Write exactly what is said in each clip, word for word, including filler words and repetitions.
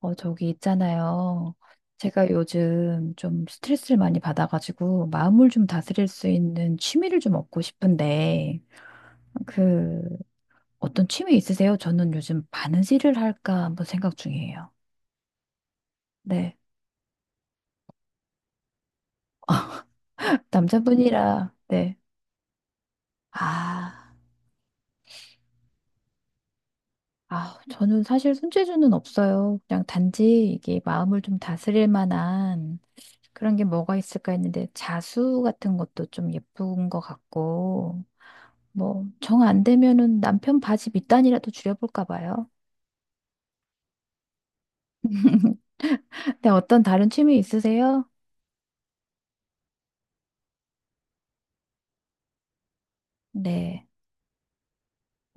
어, 저기 있잖아요. 제가 요즘 좀 스트레스를 많이 받아가지고 마음을 좀 다스릴 수 있는 취미를 좀 얻고 싶은데 그 어떤 취미 있으세요? 저는 요즘 바느질을 할까 한번 생각 중이에요. 네. 남자분이라 네. 아, 아, 저는 사실 손재주는 없어요. 그냥 단지 이게 마음을 좀 다스릴 만한 그런 게 뭐가 있을까 했는데 자수 같은 것도 좀 예쁜 것 같고 뭐, 정 안 되면은 남편 바지 밑단이라도 줄여볼까 봐요. 네, 어떤 다른 취미 있으세요? 네.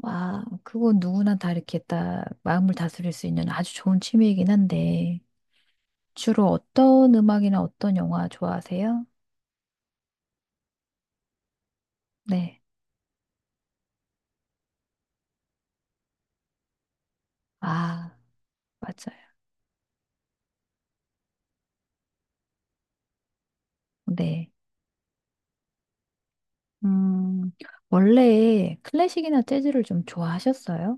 와, 그건 누구나 다 이렇게 딱 마음을 다스릴 수 있는 아주 좋은 취미이긴 한데, 주로 어떤 음악이나 어떤 영화 좋아하세요? 네. 아, 맞아요. 네. 음, 원래 클래식이나 재즈를 좀 좋아하셨어요?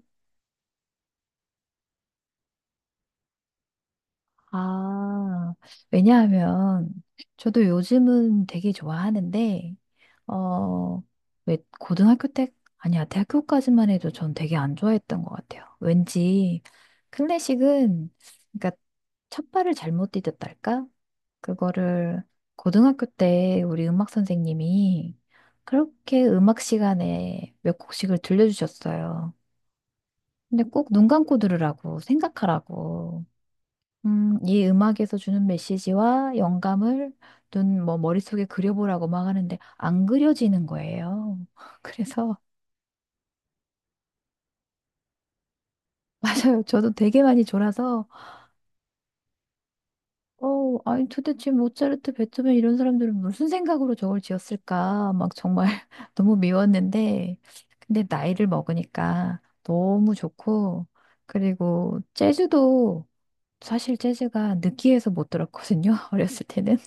아, 왜냐하면 저도 요즘은 되게 좋아하는데, 어, 왜 고등학교 때, 아니야, 대학교까지만 해도 전 되게 안 좋아했던 것 같아요. 왠지 클래식은, 그러니까 첫 발을 잘못 디뎠달까? 그거를 고등학교 때 우리 음악 선생님이 그렇게 음악 시간에 몇 곡씩을 들려주셨어요. 근데 꼭 눈 감고 들으라고, 생각하라고. 음, 이 음악에서 주는 메시지와 영감을 눈, 뭐, 머릿속에 그려보라고 막 하는데 안 그려지는 거예요. 그래서, 맞아요. 저도 되게 많이 졸아서, 어, 아니 도대체 모차르트, 베토벤 이런 사람들은 무슨 생각으로 저걸 지었을까? 막 정말 너무 미웠는데, 근데 나이를 먹으니까 너무 좋고, 그리고 재즈도 사실 재즈가 느끼해서 못 들었거든요. 어렸을 때는.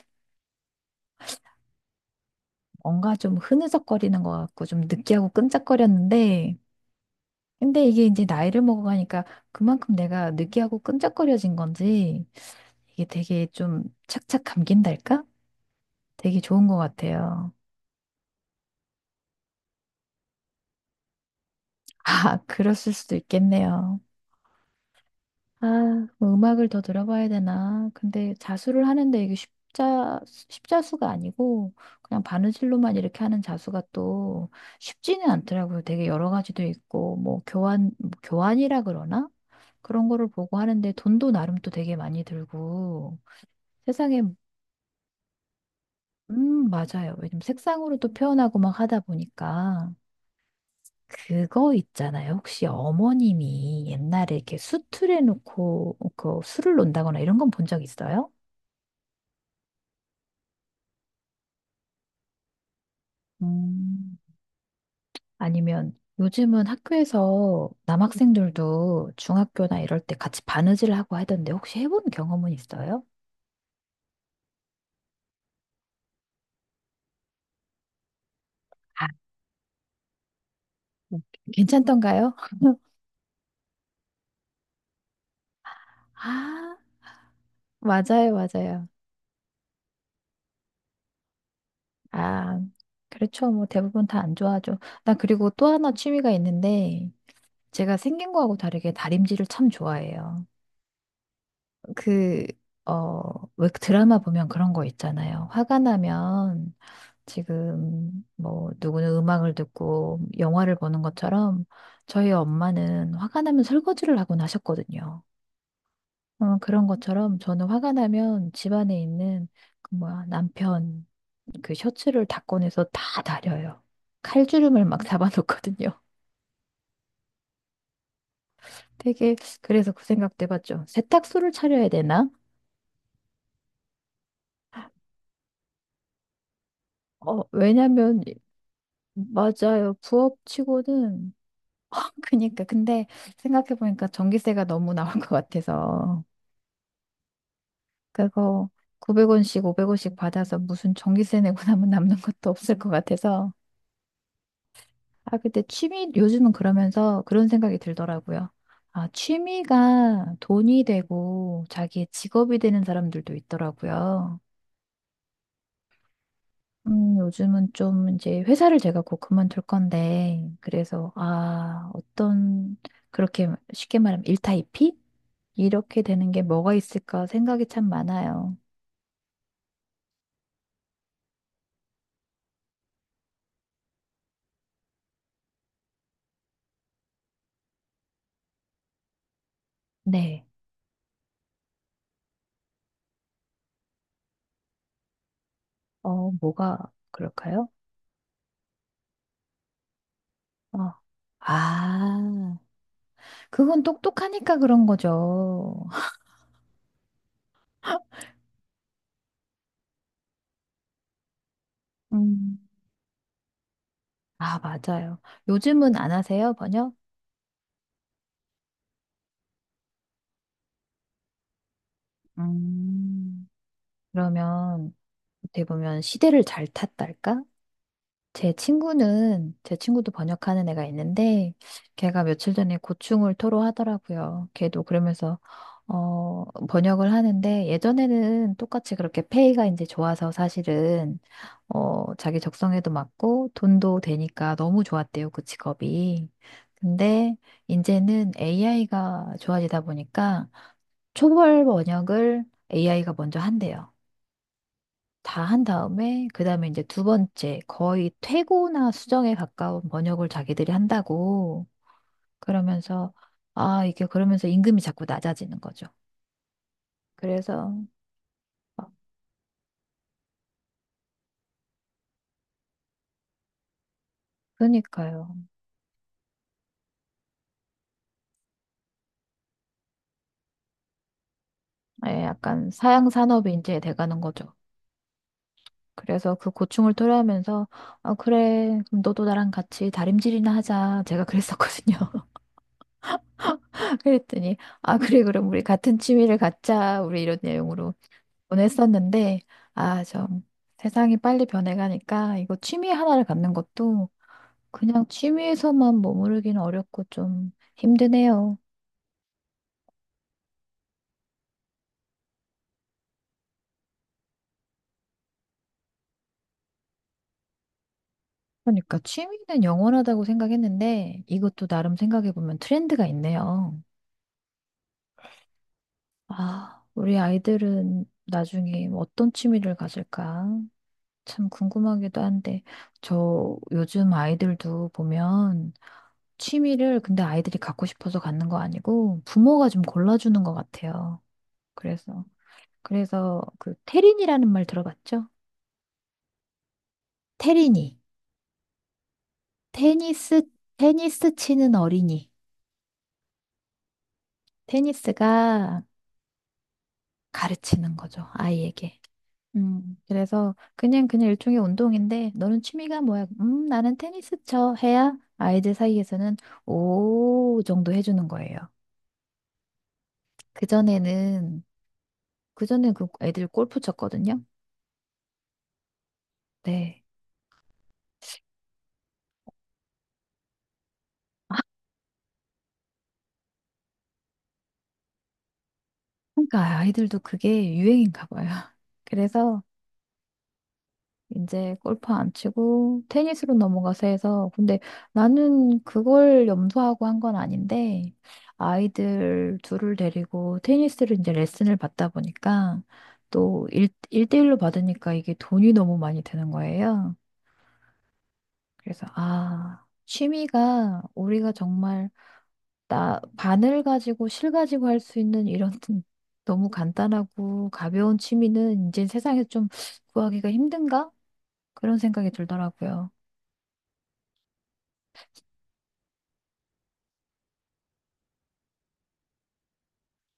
뭔가 좀 흐느적거리는 것 같고 좀 느끼하고 끈적거렸는데 근데 이게 이제 나이를 먹어가니까 그만큼 내가 느끼하고 끈적거려진 건지 이게 되게 좀 착착 감긴달까? 되게 좋은 것 같아요. 아, 그랬을 수도 있겠네요. 아, 뭐 음악을 더 들어봐야 되나? 근데 자수를 하는데 이게 십자, 십자수가 아니고 그냥 바느질로만 이렇게 하는 자수가 또 쉽지는 않더라고요. 되게 여러 가지도 있고, 뭐 교환, 뭐 교환이라 그러나? 그런 거를 보고 하는데 돈도 나름 또 되게 많이 들고 세상에, 음, 맞아요. 요즘 색상으로 또 표현하고 막 하다 보니까 그거 있잖아요. 혹시 어머님이 옛날에 이렇게 수틀에 놓고 그 술을 논다거나 이런 건 본 적 있어요? 음, 아니면 요즘은 학교에서 남학생들도 중학교나 이럴 때 같이 바느질 하고 하던데 혹시 해본 경험은 있어요? 아, 괜찮던가요? 아, 맞아요, 맞아요. 아, 그렇죠. 뭐 대부분 다 안 좋아하죠. 나 그리고 또 하나 취미가 있는데 제가 생긴 거하고 다르게 다림질을 참 좋아해요. 그, 어, 왜 드라마 보면 그런 거 있잖아요. 화가 나면 지금 뭐 누구는 음악을 듣고 영화를 보는 것처럼 저희 엄마는 화가 나면 설거지를 하곤 하셨거든요. 어, 그런 것처럼 저는 화가 나면 집안에 있는 그 뭐야, 남편 그 셔츠를 다 꺼내서 다 다려요. 칼주름을 막 잡아놓거든요. 되게 그래서 그 생각도 해봤죠. 세탁소를 차려야 되나? 어, 왜냐면 맞아요. 부업 치고는 그니까 근데 생각해 보니까 전기세가 너무 나올 것 같아서 그거 구백 원씩 오백 원씩 받아서 무슨 전기세 내고 나면 남는 것도 없을 것 같아서 아 근데 취미 요즘은 그러면서 그런 생각이 들더라고요. 아 취미가 돈이 되고 자기의 직업이 되는 사람들도 있더라고요. 음, 요즘은 좀 이제 회사를 제가 곧 그만둘 건데, 그래서, 아, 어떤, 그렇게 쉽게 말하면 일타이피? 이렇게 되는 게 뭐가 있을까 생각이 참 많아요. 네. 어, 뭐가 그럴까요? 어, 아, 그건 똑똑하니까 그런 거죠. 음, 아, 맞아요. 요즘은 안 하세요, 번역? 음, 그러면 어떻게 보면 시대를 잘 탔달까? 제 친구는, 제 친구도 번역하는 애가 있는데, 걔가 며칠 전에 고충을 토로하더라고요. 걔도 그러면서, 어, 번역을 하는데, 예전에는 똑같이 그렇게 페이가 이제 좋아서 사실은, 어, 자기 적성에도 맞고, 돈도 되니까 너무 좋았대요, 그 직업이. 근데, 이제는 에이아이가 좋아지다 보니까, 초벌 번역을 에이아이가 먼저 한대요. 다 한 다음에 그다음에 이제 두 번째 거의 퇴고나 수정에 가까운 번역을 자기들이 한다고 그러면서 아 이게 그러면서 임금이 자꾸 낮아지는 거죠. 그래서 그러니까요. 예, 약간 사양 산업이 이제 돼가는 거죠. 그래서 그 고충을 토로하면서 아 그래 그럼 너도 나랑 같이 다림질이나 하자 제가 그랬었거든요. 그랬더니 아 그래 그럼 우리 같은 취미를 갖자 우리 이런 내용으로 보냈었는데, 아, 좀 세상이 빨리 변해가니까 이거 취미 하나를 갖는 것도 그냥 취미에서만 머무르기는 어렵고 좀 힘드네요. 그러니까 취미는 영원하다고 생각했는데 이것도 나름 생각해보면 트렌드가 있네요. 아, 우리 아이들은 나중에 어떤 취미를 가질까? 참 궁금하기도 한데, 저 요즘 아이들도 보면 취미를 근데 아이들이 갖고 싶어서 갖는 거 아니고 부모가 좀 골라주는 것 같아요. 그래서 그래서 그 테린이라는 말 들어봤죠? 테린이 테니스 테니스 치는 어린이 테니스가 가르치는 거죠 아이에게. 음 그래서 그냥 그냥 일종의 운동인데 너는 취미가 뭐야? 음 나는 테니스 쳐 해야 아이들 사이에서는 오 정도 해주는 거예요. 그 전에는 그 전에 그 애들 골프 쳤거든요. 네. 그러니까 아이들도 그게 유행인가 봐요. 그래서 이제 골프 안 치고 테니스로 넘어가서 해서 근데 나는 그걸 염두하고 한 건 아닌데 아이들 둘을 데리고 테니스를 이제 레슨을 받다 보니까 또 일, 일대일로 받으니까 이게 돈이 너무 많이 드는 거예요. 그래서 아, 취미가 우리가 정말 나 바늘 가지고 실 가지고 할 수 있는 이런 너무 간단하고 가벼운 취미는 이제 세상에 좀 구하기가 힘든가? 그런 생각이 들더라고요.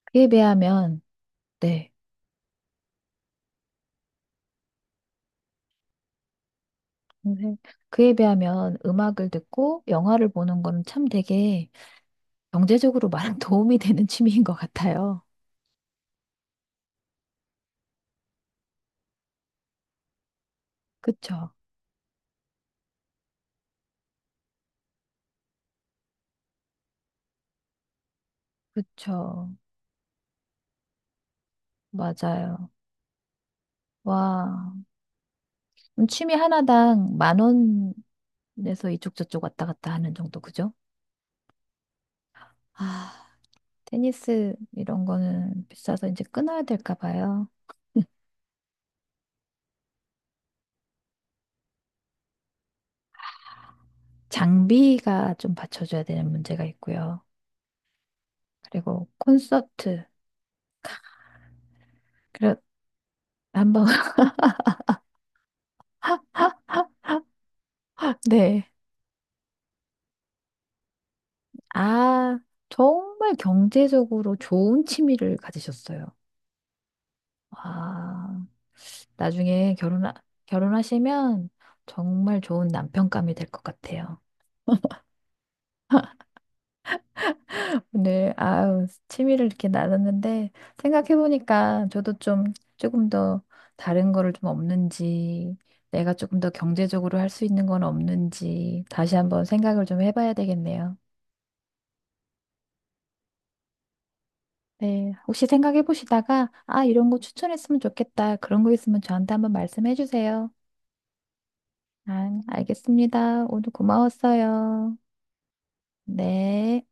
그에 비하면, 네. 선생- 그에 비하면 음악을 듣고 영화를 보는 건 참 되게 경제적으로 많은 도움이 되는 취미인 것 같아요. 그쵸. 그쵸. 맞아요. 와. 그럼 취미 하나당 만 원에서 이쪽 저쪽 왔다 갔다 하는 정도, 그죠? 아, 테니스 이런 거는 비싸서 이제 끊어야 될까 봐요. 장비가 좀 받쳐줘야 되는 문제가 있고요. 그리고 콘서트. 그래, 한번, 네. 아, 정말 경제적으로 좋은 취미를 가지셨어요. 아 나중에 결혼, 결혼하시면 정말 좋은 남편감이 될 것 같아요. 오늘, 아유, 취미를 이렇게 나눴는데, 생각해보니까 저도 좀, 조금 더 다른 거를 좀 없는지, 내가 조금 더 경제적으로 할 수 있는 건 없는지, 다시 한번 생각을 좀 해봐야 되겠네요. 네, 혹시 생각해 보시다가, 아, 이런 거 추천했으면 좋겠다. 그런 거 있으면 저한테 한번 말씀해 주세요. 아, 알겠습니다. 오늘 고마웠어요. 네.